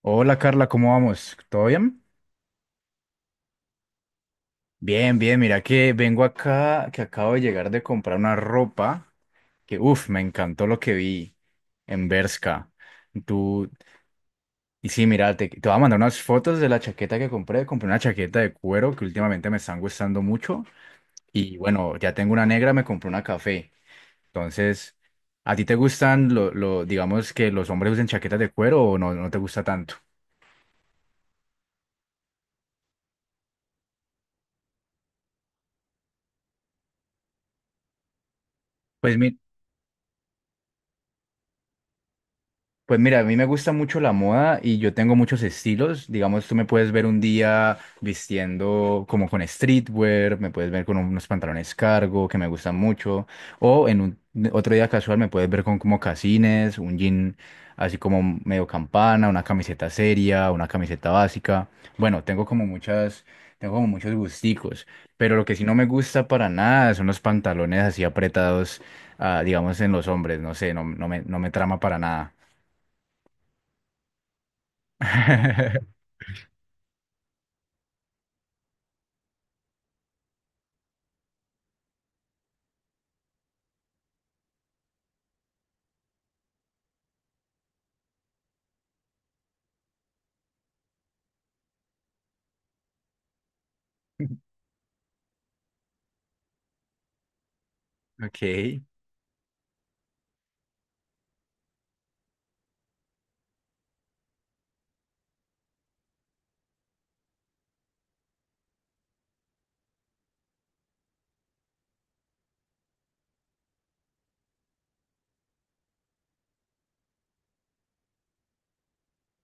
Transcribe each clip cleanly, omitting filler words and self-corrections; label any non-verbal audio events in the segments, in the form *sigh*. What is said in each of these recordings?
Hola Carla, ¿cómo vamos? ¿Todo bien? Bien, bien, mira que vengo acá, que acabo de llegar de comprar una ropa que, uff, me encantó lo que vi en Bershka. Tú, y sí, mira, te voy a mandar unas fotos de la chaqueta que compré. Compré una chaqueta de cuero que últimamente me están gustando mucho. Y bueno, ya tengo una negra, me compré una café. Entonces, ¿a ti te gustan, digamos, que los hombres usen chaquetas de cuero o no, no te gusta tanto? Pues mi- Pues mira, a mí me gusta mucho la moda y yo tengo muchos estilos. Digamos, tú me puedes ver un día vistiendo como con streetwear, me puedes ver con unos pantalones cargo que me gustan mucho, o en un otro día casual me puedes ver con como casines, un jean así como medio campana, una camiseta seria, una camiseta básica. Bueno, tengo como muchos gusticos, pero lo que sí no me gusta para nada son los pantalones así apretados, ah, digamos, en los hombres, no sé, no me trama para nada. *laughs* Ok.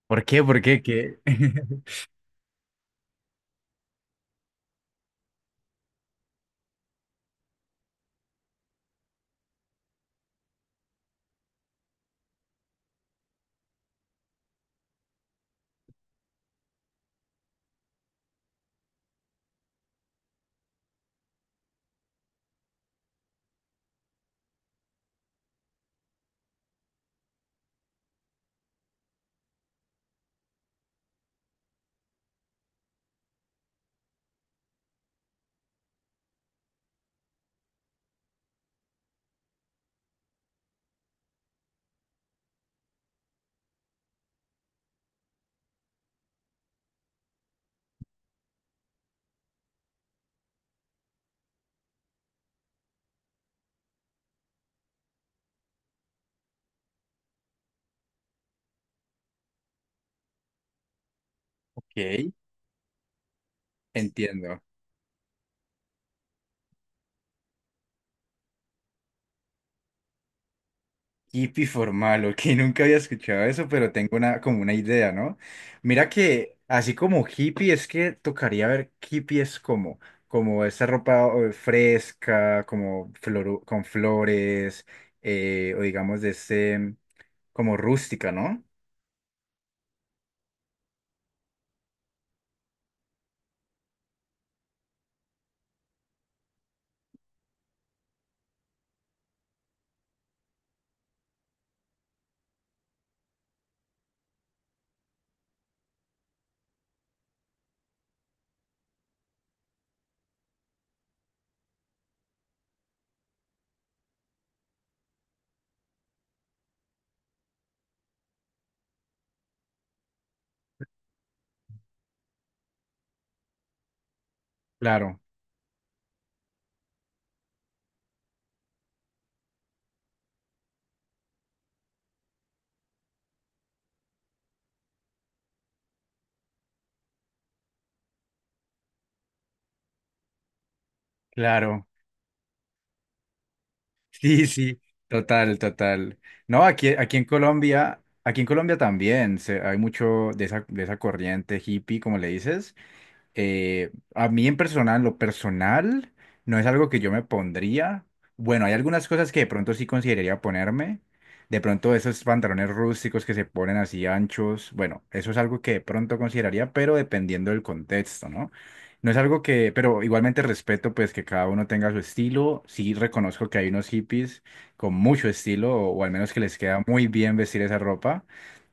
¿Por qué? ¿Por qué? ¿Qué? *laughs* Ok, entiendo. Hippie formal, ok, *laughs* nunca había escuchado eso, pero tengo una, como una idea, ¿no? Mira que así como hippie, es que tocaría ver qué hippie es como, como esa ropa fresca, como floru- con flores, o digamos de ese, como rústica, ¿no? Claro, claro. Sí, sí, total, total. No, aquí, aquí en Colombia también se- hay mucho de esa corriente hippie, como le dices. Eh, a mí en personal, lo personal, no es algo que yo me pondría. Bueno, hay algunas cosas que de pronto sí consideraría ponerme. De pronto esos pantalones rústicos que se ponen así anchos, bueno, eso es algo que de pronto consideraría, pero dependiendo del contexto, ¿no? No es algo que, pero igualmente respeto pues que cada uno tenga su estilo. Sí reconozco que hay unos hippies con mucho estilo, o al menos que les queda muy bien vestir esa ropa.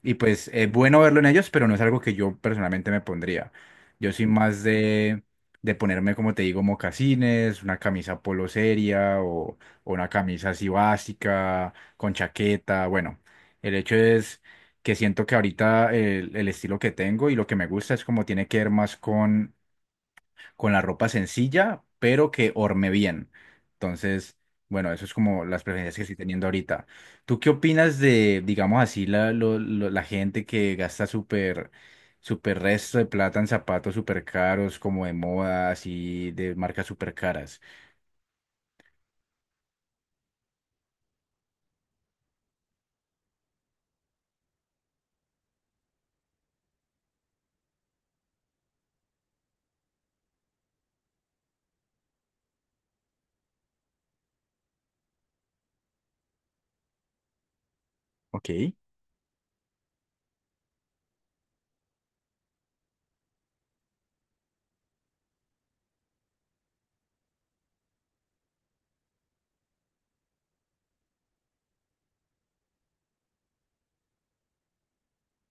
Y pues es bueno verlo en ellos, pero no es algo que yo personalmente me pondría. Yo soy más de ponerme, como te digo, mocasines, una camisa polo seria o una camisa así básica, con chaqueta. Bueno, el hecho es que siento que ahorita el estilo que tengo y lo que me gusta es como tiene que ver más con la ropa sencilla, pero que orme bien. Entonces, bueno, eso es como las preferencias que estoy teniendo ahorita. ¿Tú qué opinas de, digamos así, la gente que gasta súper, súper resto de plata en zapatos súper caros, como de moda, así, de marcas súper caras? Ok.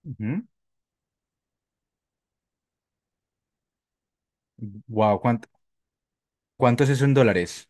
Ujú. Wow, ¿cuánto, cuánto es eso en dólares?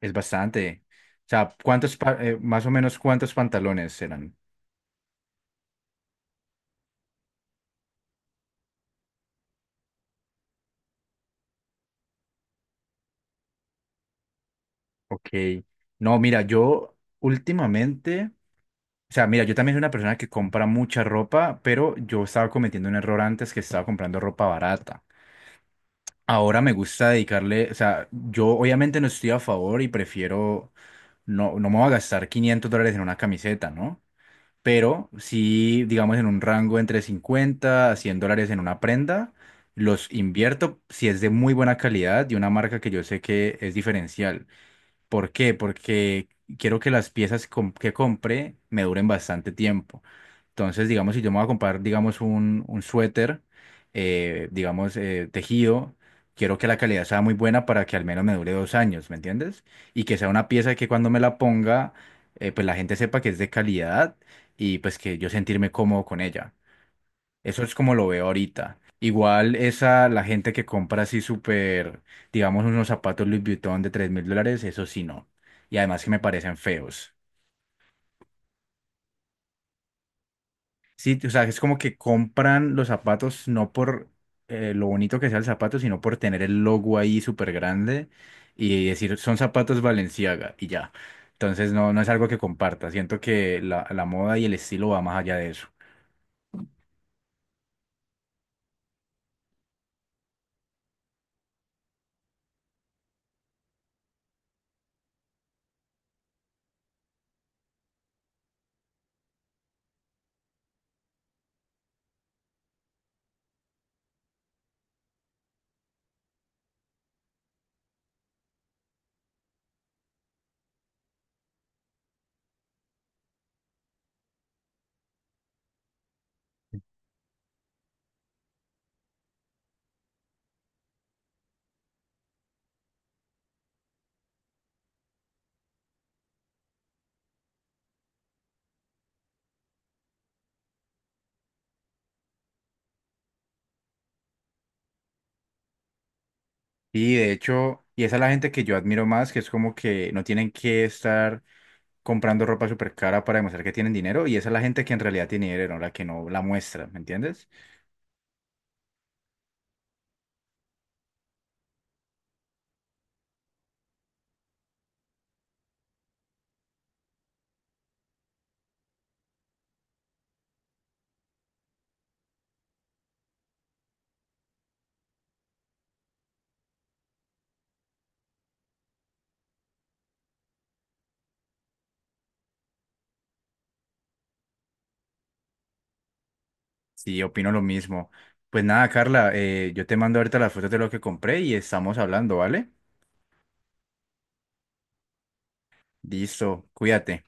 Es bastante. O sea, ¿cuántos, más o menos cuántos pantalones serán? Ok. No, mira, yo últimamente... O sea, mira, yo también soy una persona que compra mucha ropa, pero yo estaba cometiendo un error antes que estaba comprando ropa barata. Ahora me gusta dedicarle, o sea, yo obviamente no estoy a favor y prefiero, no, no me voy a gastar $500 en una camiseta, ¿no? Pero sí, digamos, en un rango entre $50 a $100 en una prenda, los invierto si es de muy buena calidad y una marca que yo sé que es diferencial. ¿Por qué? Porque quiero que las piezas que compre me duren bastante tiempo. Entonces, digamos, si yo me voy a comprar, digamos, un suéter, digamos, tejido, quiero que la calidad sea muy buena para que al menos me dure 2 años, ¿me entiendes? Y que sea una pieza que cuando me la ponga, pues la gente sepa que es de calidad y pues que yo sentirme cómodo con ella. Eso es como lo veo ahorita. Igual esa, la gente que compra así súper, digamos, unos zapatos Louis Vuitton de $3,000, eso sí no. Y además que me parecen feos. Sí, o sea, es como que compran los zapatos no por lo bonito que sea el zapato, sino por tener el logo ahí súper grande y decir, son zapatos Balenciaga y ya. Entonces no, no es algo que comparta. Siento que la moda y el estilo va más allá de eso. Y de hecho, y esa es la gente que yo admiro más, que es como que no tienen que estar comprando ropa súper cara para demostrar que tienen dinero, y esa es la gente que en realidad tiene dinero, la que no la muestra, ¿me entiendes? Sí, opino lo mismo. Pues nada, Carla, yo te mando ahorita las fotos de lo que compré y estamos hablando, ¿vale? Listo, cuídate.